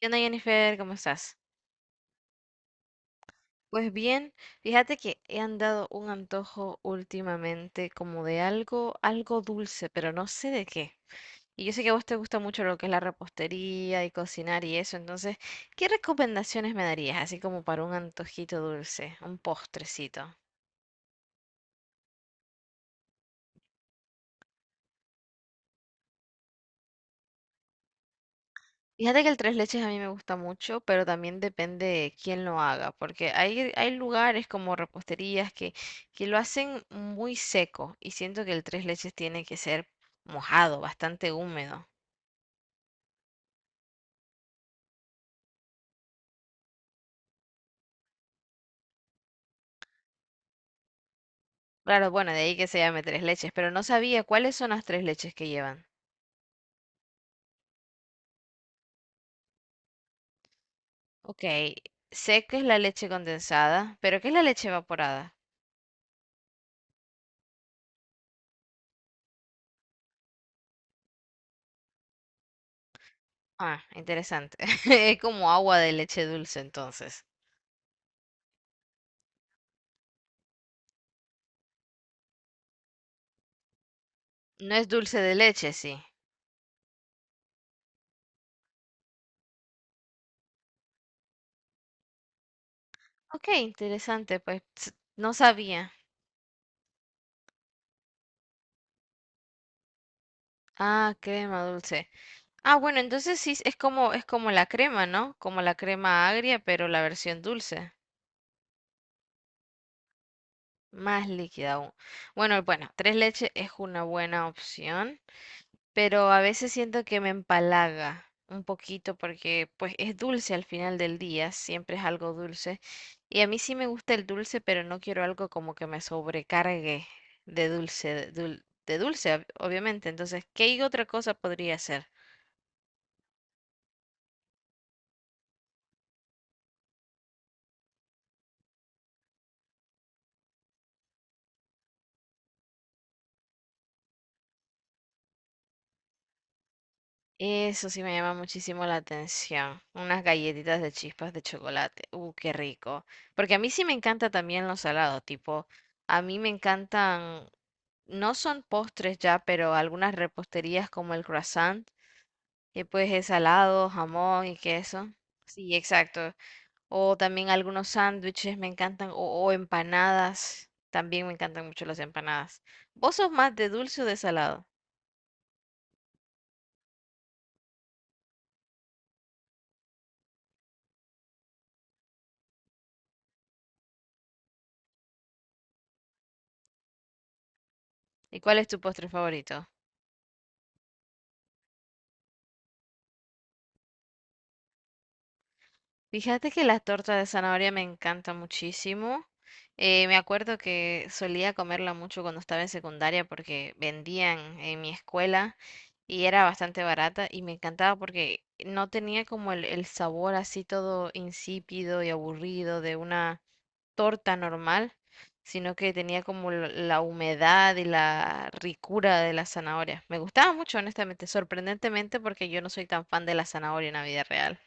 ¿Qué onda, Jennifer? ¿Cómo estás? Pues bien, fíjate que he andado un antojo últimamente como de algo, algo dulce, pero no sé de qué. Y yo sé que a vos te gusta mucho lo que es la repostería y cocinar y eso, entonces, ¿qué recomendaciones me darías así como para un antojito dulce, un postrecito? Fíjate que el tres leches a mí me gusta mucho, pero también depende de quién lo haga, porque hay lugares como reposterías que lo hacen muy seco y siento que el tres leches tiene que ser mojado, bastante húmedo. Claro, bueno, de ahí que se llame tres leches, pero no sabía cuáles son las tres leches que llevan. Ok, sé que es la leche condensada, pero ¿qué es la leche evaporada? Ah, interesante. Es como agua de leche dulce entonces. No es dulce de leche, sí. Ok, interesante, no sabía. Ah, crema dulce. Ah, bueno, entonces sí es como la crema, ¿no? Como la crema agria, pero la versión dulce, más líquida aún. Bueno, bueno, tres leches es una buena opción, pero a veces siento que me empalaga un poquito porque pues es dulce al final del día, siempre es algo dulce. Y a mí sí me gusta el dulce, pero no quiero algo como que me sobrecargue de dulce, de dulce, obviamente. Entonces, ¿qué otra cosa podría hacer? Eso sí me llama muchísimo la atención. Unas galletitas de chispas de chocolate. Qué rico. Porque a mí sí me encanta también los salados, tipo, a mí me encantan, no son postres ya, pero algunas reposterías como el croissant, que pues es salado, jamón y queso. Sí, exacto. O también algunos sándwiches me encantan, o empanadas. También me encantan mucho las empanadas. ¿Vos sos más de dulce o de salado? ¿Y cuál es tu postre favorito? Fíjate que la torta de zanahoria me encanta muchísimo. Me acuerdo que solía comerla mucho cuando estaba en secundaria porque vendían en mi escuela y era bastante barata y me encantaba porque no tenía como el sabor así todo insípido y aburrido de una torta normal, sino que tenía como la humedad y la ricura de la zanahoria. Me gustaba mucho, honestamente, sorprendentemente porque yo no soy tan fan de la zanahoria en la vida real.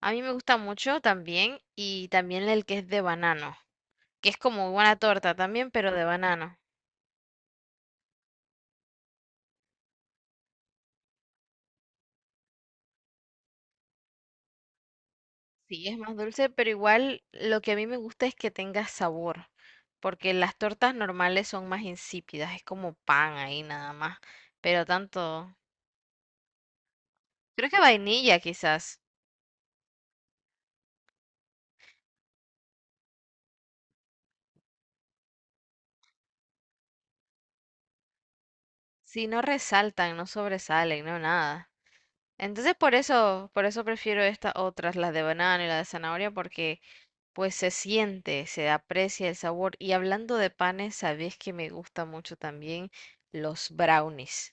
A mí me gusta mucho también y también el que es de banano, que es como una torta también, pero de banano. Sí, es más dulce, pero igual lo que a mí me gusta es que tenga sabor, porque las tortas normales son más insípidas, es como pan ahí nada más, pero tanto, creo que vainilla quizás, si no resaltan, no sobresalen, no nada. Entonces por eso prefiero estas otras, las de banano y la de zanahoria, porque pues se siente, se aprecia el sabor. Y hablando de panes, sabes que me gusta mucho también los brownies.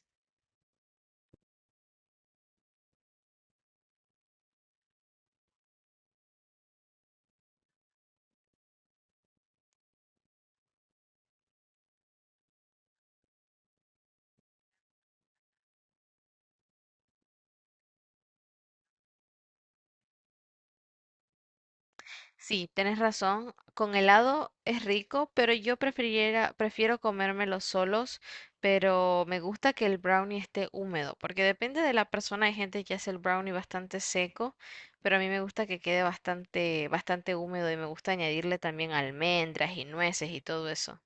Sí, tienes razón. Con helado es rico, pero prefiero comérmelos solos, pero me gusta que el brownie esté húmedo, porque depende de la persona. Hay gente que hace el brownie bastante seco, pero a mí me gusta que quede bastante, bastante húmedo y me gusta añadirle también almendras y nueces y todo eso.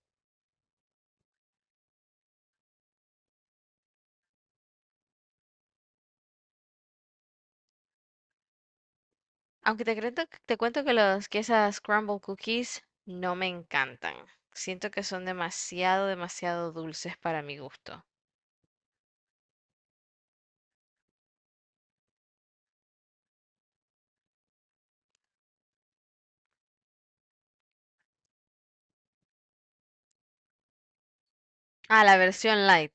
Aunque te cuento que esas crumble cookies no me encantan. Siento que son demasiado, demasiado dulces para mi gusto. Ah, la versión light.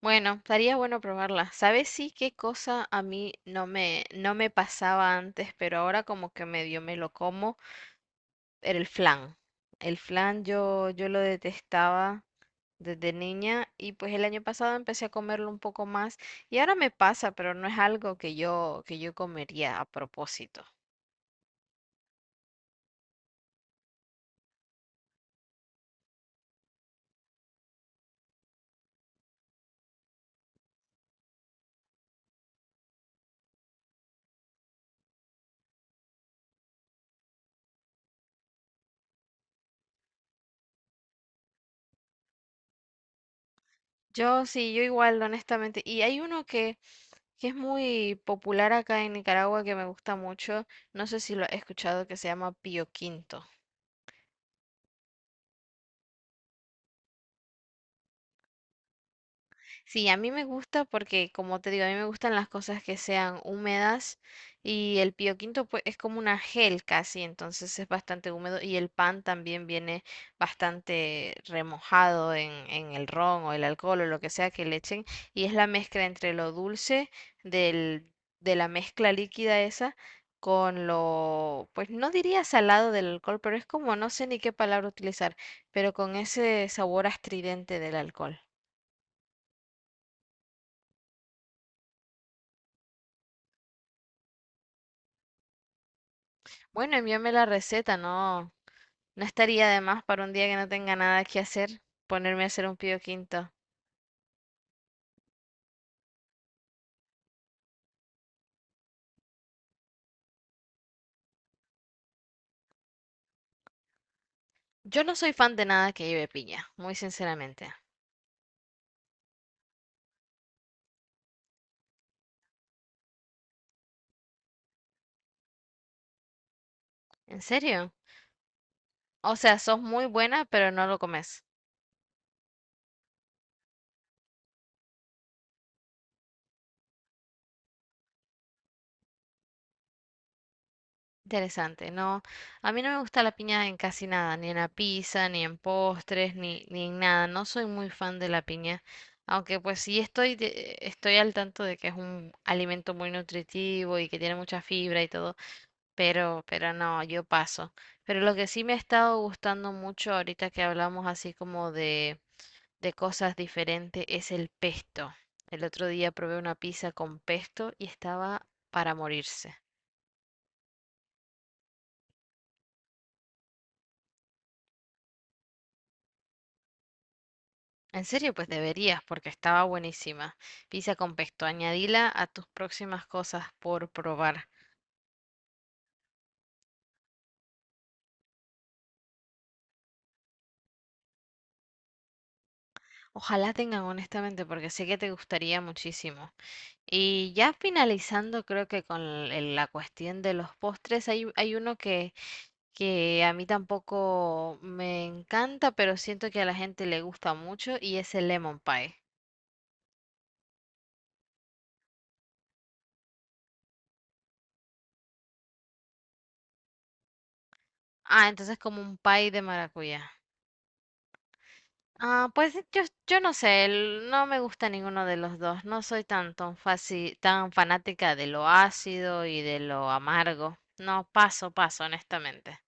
Bueno, estaría bueno probarla. ¿Sabes sí qué cosa a mí no me pasaba antes, pero ahora como que medio me lo como? Era el flan. El flan yo lo detestaba desde niña y pues el año pasado empecé a comerlo un poco más y ahora me pasa, pero no es algo que yo comería a propósito. Yo sí, yo igual, honestamente. Y hay uno que es muy popular acá en Nicaragua que me gusta mucho. No sé si lo has escuchado, que se llama Pío Quinto. Sí, a mí me gusta porque, como te digo, a mí me gustan las cosas que sean húmedas y el pio quinto pues es como una gel casi, entonces es bastante húmedo y el pan también viene bastante remojado en el ron o el alcohol o lo que sea que le echen y es la mezcla entre lo dulce del, de la mezcla líquida esa con lo, pues no diría salado del alcohol, pero es como, no sé ni qué palabra utilizar, pero con ese sabor astridente del alcohol. Bueno, envíame la receta, no, no estaría de más para un día que no tenga nada que hacer, ponerme a hacer un pío quinto. Yo no soy fan de nada que lleve piña, muy sinceramente. ¿En serio? O sea, sos muy buena, pero no lo comes. Interesante, no, a mí no me gusta la piña en casi nada, ni en la pizza, ni en postres, ni, ni en nada. No soy muy fan de la piña, aunque pues sí estoy al tanto de que es un alimento muy nutritivo y que tiene mucha fibra y todo. Pero no, yo paso. Pero lo que sí me ha estado gustando mucho ahorita que hablamos así como de cosas diferentes es el pesto. El otro día probé una pizza con pesto y estaba para morirse. En serio, pues deberías, porque estaba buenísima. Pizza con pesto, añadila a tus próximas cosas por probar. Ojalá tengan honestamente, porque sé que te gustaría muchísimo. Y ya finalizando, creo que con la cuestión de los postres, hay uno que a mí tampoco me encanta, pero siento que a la gente le gusta mucho y es el lemon pie. Ah, entonces como un pie de maracuyá. Ah, pues sí, yo no sé, no me gusta ninguno de los dos. No soy tan, tan fácil, tan fanática de lo ácido y de lo amargo. No, paso, paso, honestamente.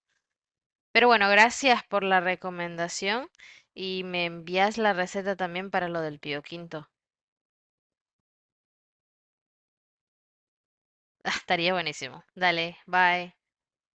Pero bueno, gracias por la recomendación y me envías la receta también para lo del pio quinto. Estaría buenísimo. Dale, bye.